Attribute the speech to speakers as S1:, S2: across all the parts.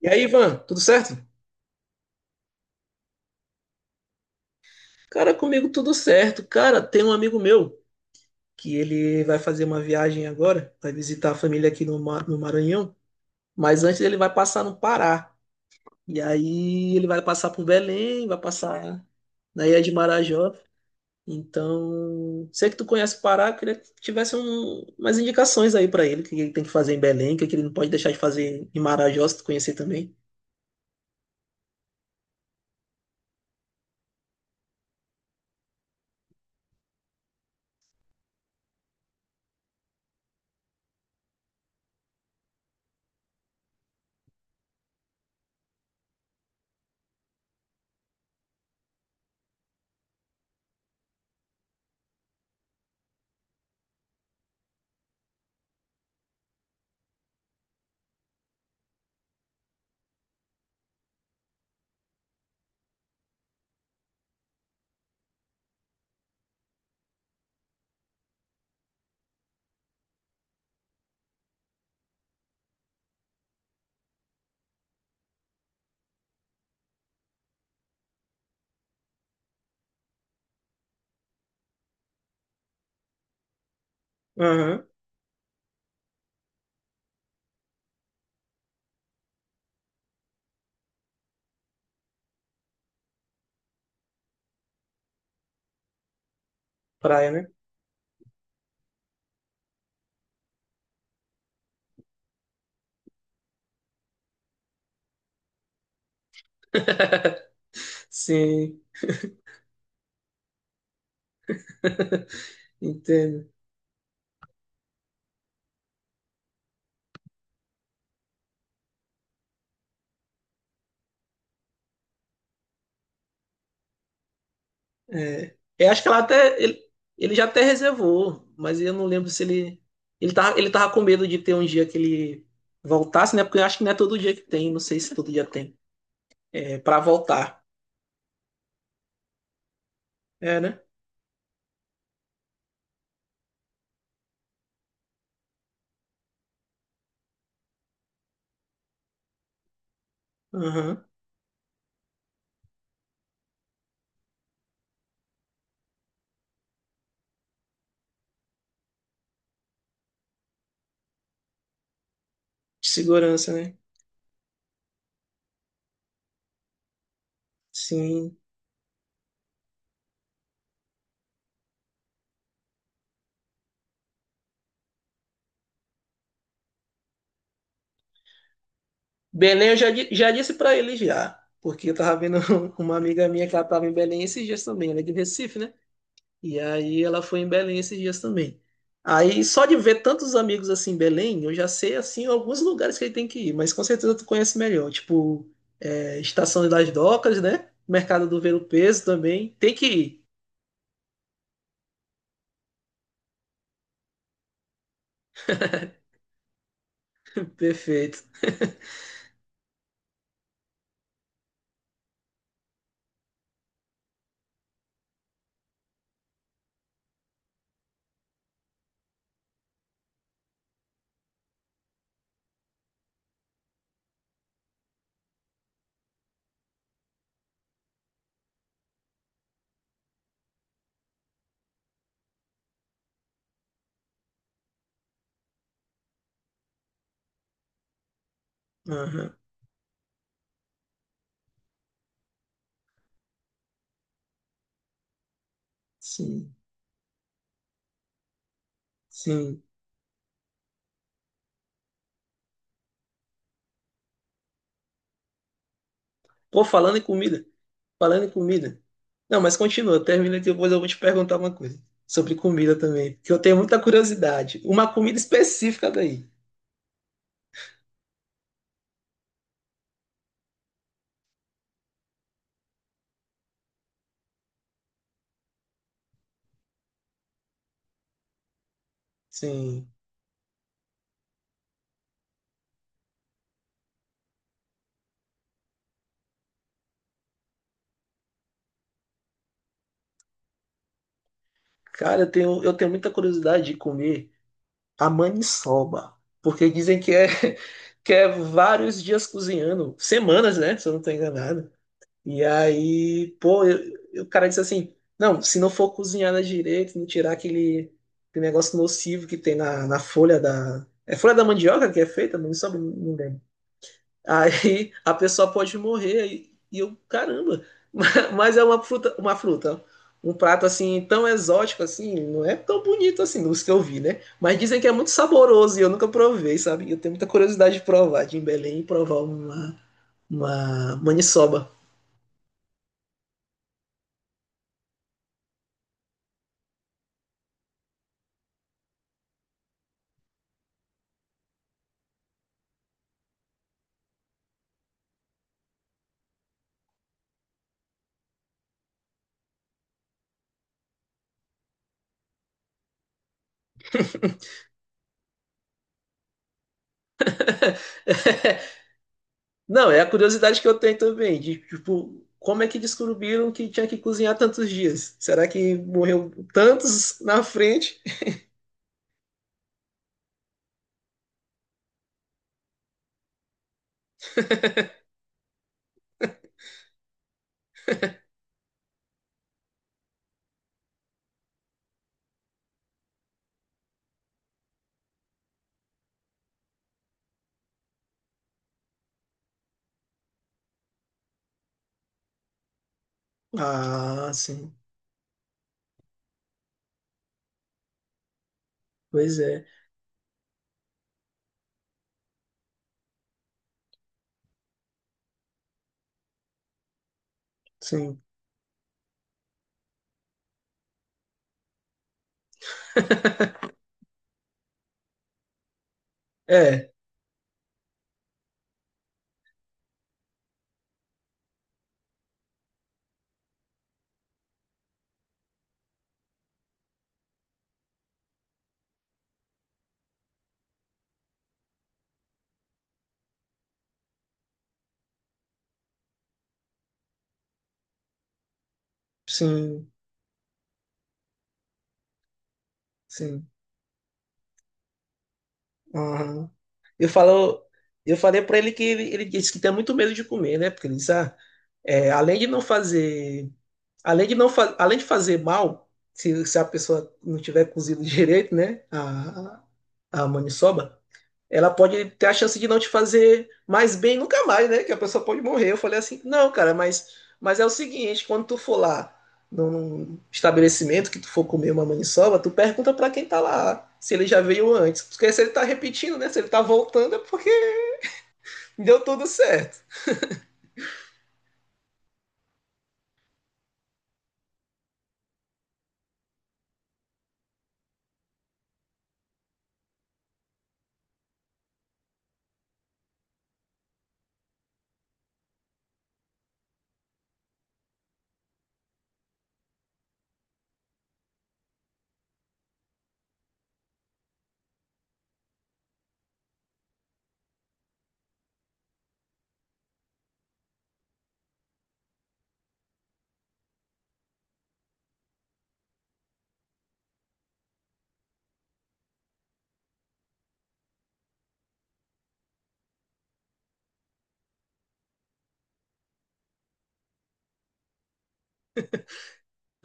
S1: E aí, Ivan, tudo certo? Cara, comigo tudo certo. Cara, tem um amigo meu que ele vai fazer uma viagem agora, vai visitar a família aqui no, no Maranhão, mas antes ele vai passar no Pará. E aí ele vai passar por Belém, vai passar na Ilha de Marajó. Então, sei que tu conhece o Pará, eu queria que tivesse umas indicações aí pra ele, o que ele tem que fazer em Belém, o que ele não pode deixar de fazer em Marajó, se tu conhecer também. Aham, praia, né? Sim, entendo. É, eu acho que ele já até reservou, mas eu não lembro se ele ele tava com medo de ter um dia que ele voltasse, né? Porque eu acho que não é todo dia que tem, não sei se todo dia tem. É para voltar. É, né? Aham. De segurança, né? Sim. Belém eu já, já disse para ele já, porque eu tava vendo uma amiga minha que ela tava em Belém esses dias também, ela é de Recife, né? E aí ela foi em Belém esses dias também. Aí só de ver tantos amigos assim em Belém, eu já sei assim alguns lugares que ele tem que ir, mas com certeza tu conhece melhor, tipo é, Estação das Docas, né? Mercado do Velo Peso também, tem que ir. Perfeito. Aham. Sim, sim. Pô, falando em comida, falando em comida. Não, mas continua, termina e depois eu vou te perguntar uma coisa sobre comida também, que eu tenho muita curiosidade. Uma comida específica daí. Sim. Cara, eu tenho muita curiosidade de comer a maniçoba, porque dizem que é, que é vários dias cozinhando, semanas, né? Se eu não estou enganado. E aí, pô, o cara disse assim: não, se não for cozinhada direito, não tirar aquele, aquele negócio nocivo que tem na folha da. É folha da mandioca que é feita? Não me sabe, não lembro. Aí a pessoa pode morrer e eu, caramba, mas é uma fruta, um prato assim tão exótico assim, não é tão bonito assim, dos que eu vi, né? Mas dizem que é muito saboroso e eu nunca provei, sabe? Eu tenho muita curiosidade de provar, de ir em Belém e provar uma maniçoba. Não, é a curiosidade que eu tenho também, de tipo, como é que descobriram que tinha que cozinhar tantos dias? Será que morreu tantos na frente? Ah, sim. Pois é. Sim. É, sim, sim. Aham. Eu falo, eu falei pra ele que ele disse que tem muito medo de comer, né? Porque ele disse, ah, é, além de não fazer, além de não fa- além de fazer mal, se a pessoa não tiver cozido direito, né? A maniçoba, ela pode ter a chance de não te fazer mais bem nunca mais, né? Que a pessoa pode morrer. Eu falei assim, não, cara, mas é o seguinte, quando tu for lá num estabelecimento que tu for comer uma maniçoba, tu pergunta pra quem tá lá se ele já veio antes. Porque se ele tá repetindo, né? Se ele tá voltando é porque deu tudo certo.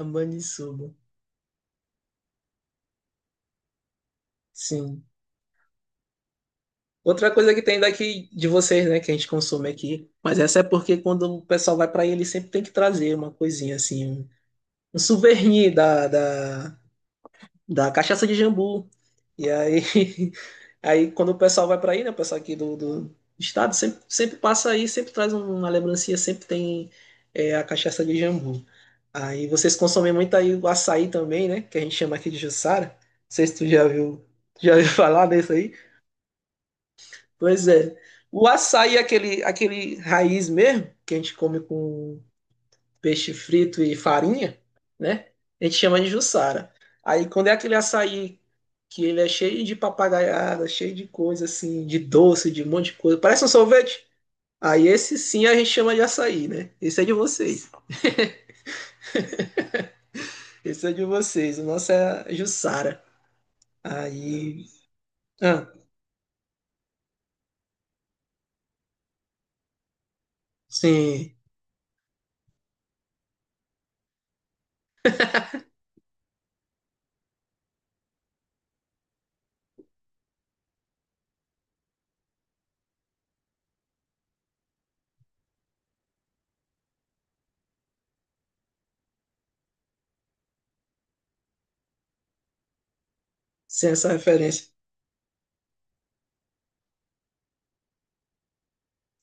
S1: A maniçoba, sim. Outra coisa que tem daqui de vocês, né, que a gente consome aqui, mas essa é porque quando o pessoal vai pra aí, ele sempre tem que trazer uma coisinha assim, um souvenir da cachaça de jambu. E aí, aí quando o pessoal vai para aí, né? O pessoal aqui do, do estado sempre, sempre passa aí, sempre traz um, uma lembrancinha, sempre tem é, a cachaça de jambu. Aí vocês consomem muito aí o açaí também, né? Que a gente chama aqui de Jussara. Não sei se tu já viu, já ouviu falar desse aí. Pois é. O açaí é aquele, aquele raiz mesmo, que a gente come com peixe frito e farinha, né? A gente chama de Jussara. Aí quando é aquele açaí que ele é cheio de papagaiada, cheio de coisa assim, de doce, de um monte de coisa, parece um sorvete. Aí esse sim a gente chama de açaí, né? Esse é de vocês. Esse é de vocês. O nosso é Jussara. Aí. Ah, sim, sem essa referência.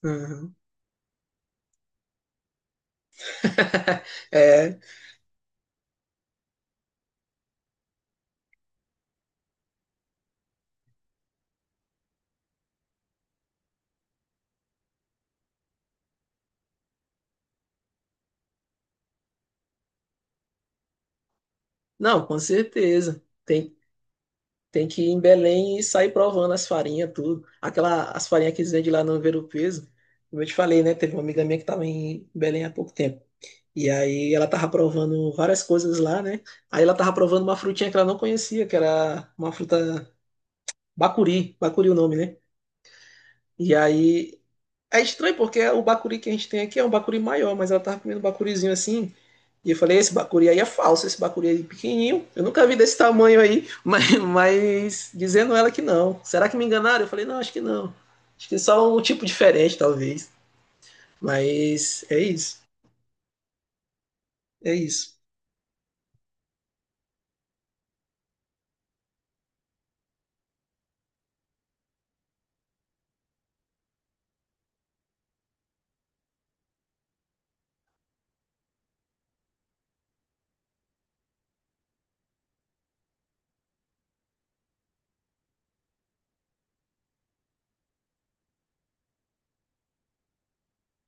S1: Uhum. É, não, com certeza. Tem, tem que ir em Belém e sair provando as farinhas, tudo. Aquela, as farinhas que eles vendem lá no Ver o Peso. Como eu te falei, né? Teve uma amiga minha que estava em Belém há pouco tempo. E aí ela tava provando várias coisas lá, né? Aí ela tava provando uma frutinha que ela não conhecia, que era uma fruta bacuri, bacuri o nome, né? E aí é estranho porque o bacuri que a gente tem aqui é um bacuri maior, mas ela tava comendo um bacurizinho assim, e eu falei, esse bacuri aí é falso, esse bacuri aí é pequenininho, eu nunca vi desse tamanho aí, mas dizendo ela que não. Será que me enganaram? Eu falei, não, acho que não. Acho que é só um tipo diferente, talvez. Mas é isso, é isso.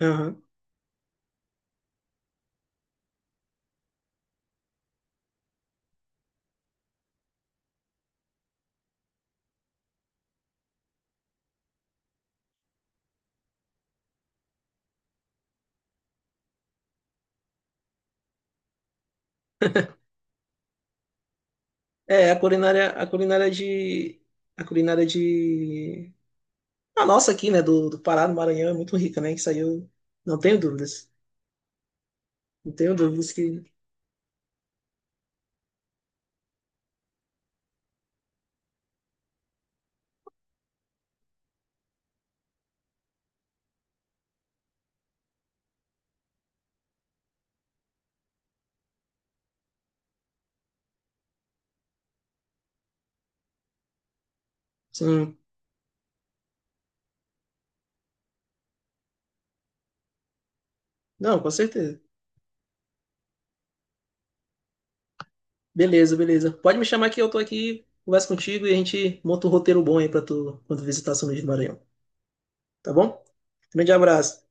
S1: Aham. É, a culinária de, a nossa aqui, né, do, do Pará, do Maranhão, é muito rica, né, que saiu, não tenho dúvidas, não tenho dúvidas que, sim, não, com certeza. Beleza, beleza. Pode me chamar que eu tô aqui, converso contigo e a gente monta um roteiro bom aí pra tu quando visitar São Luís do Maranhão. Tá bom? Grande abraço.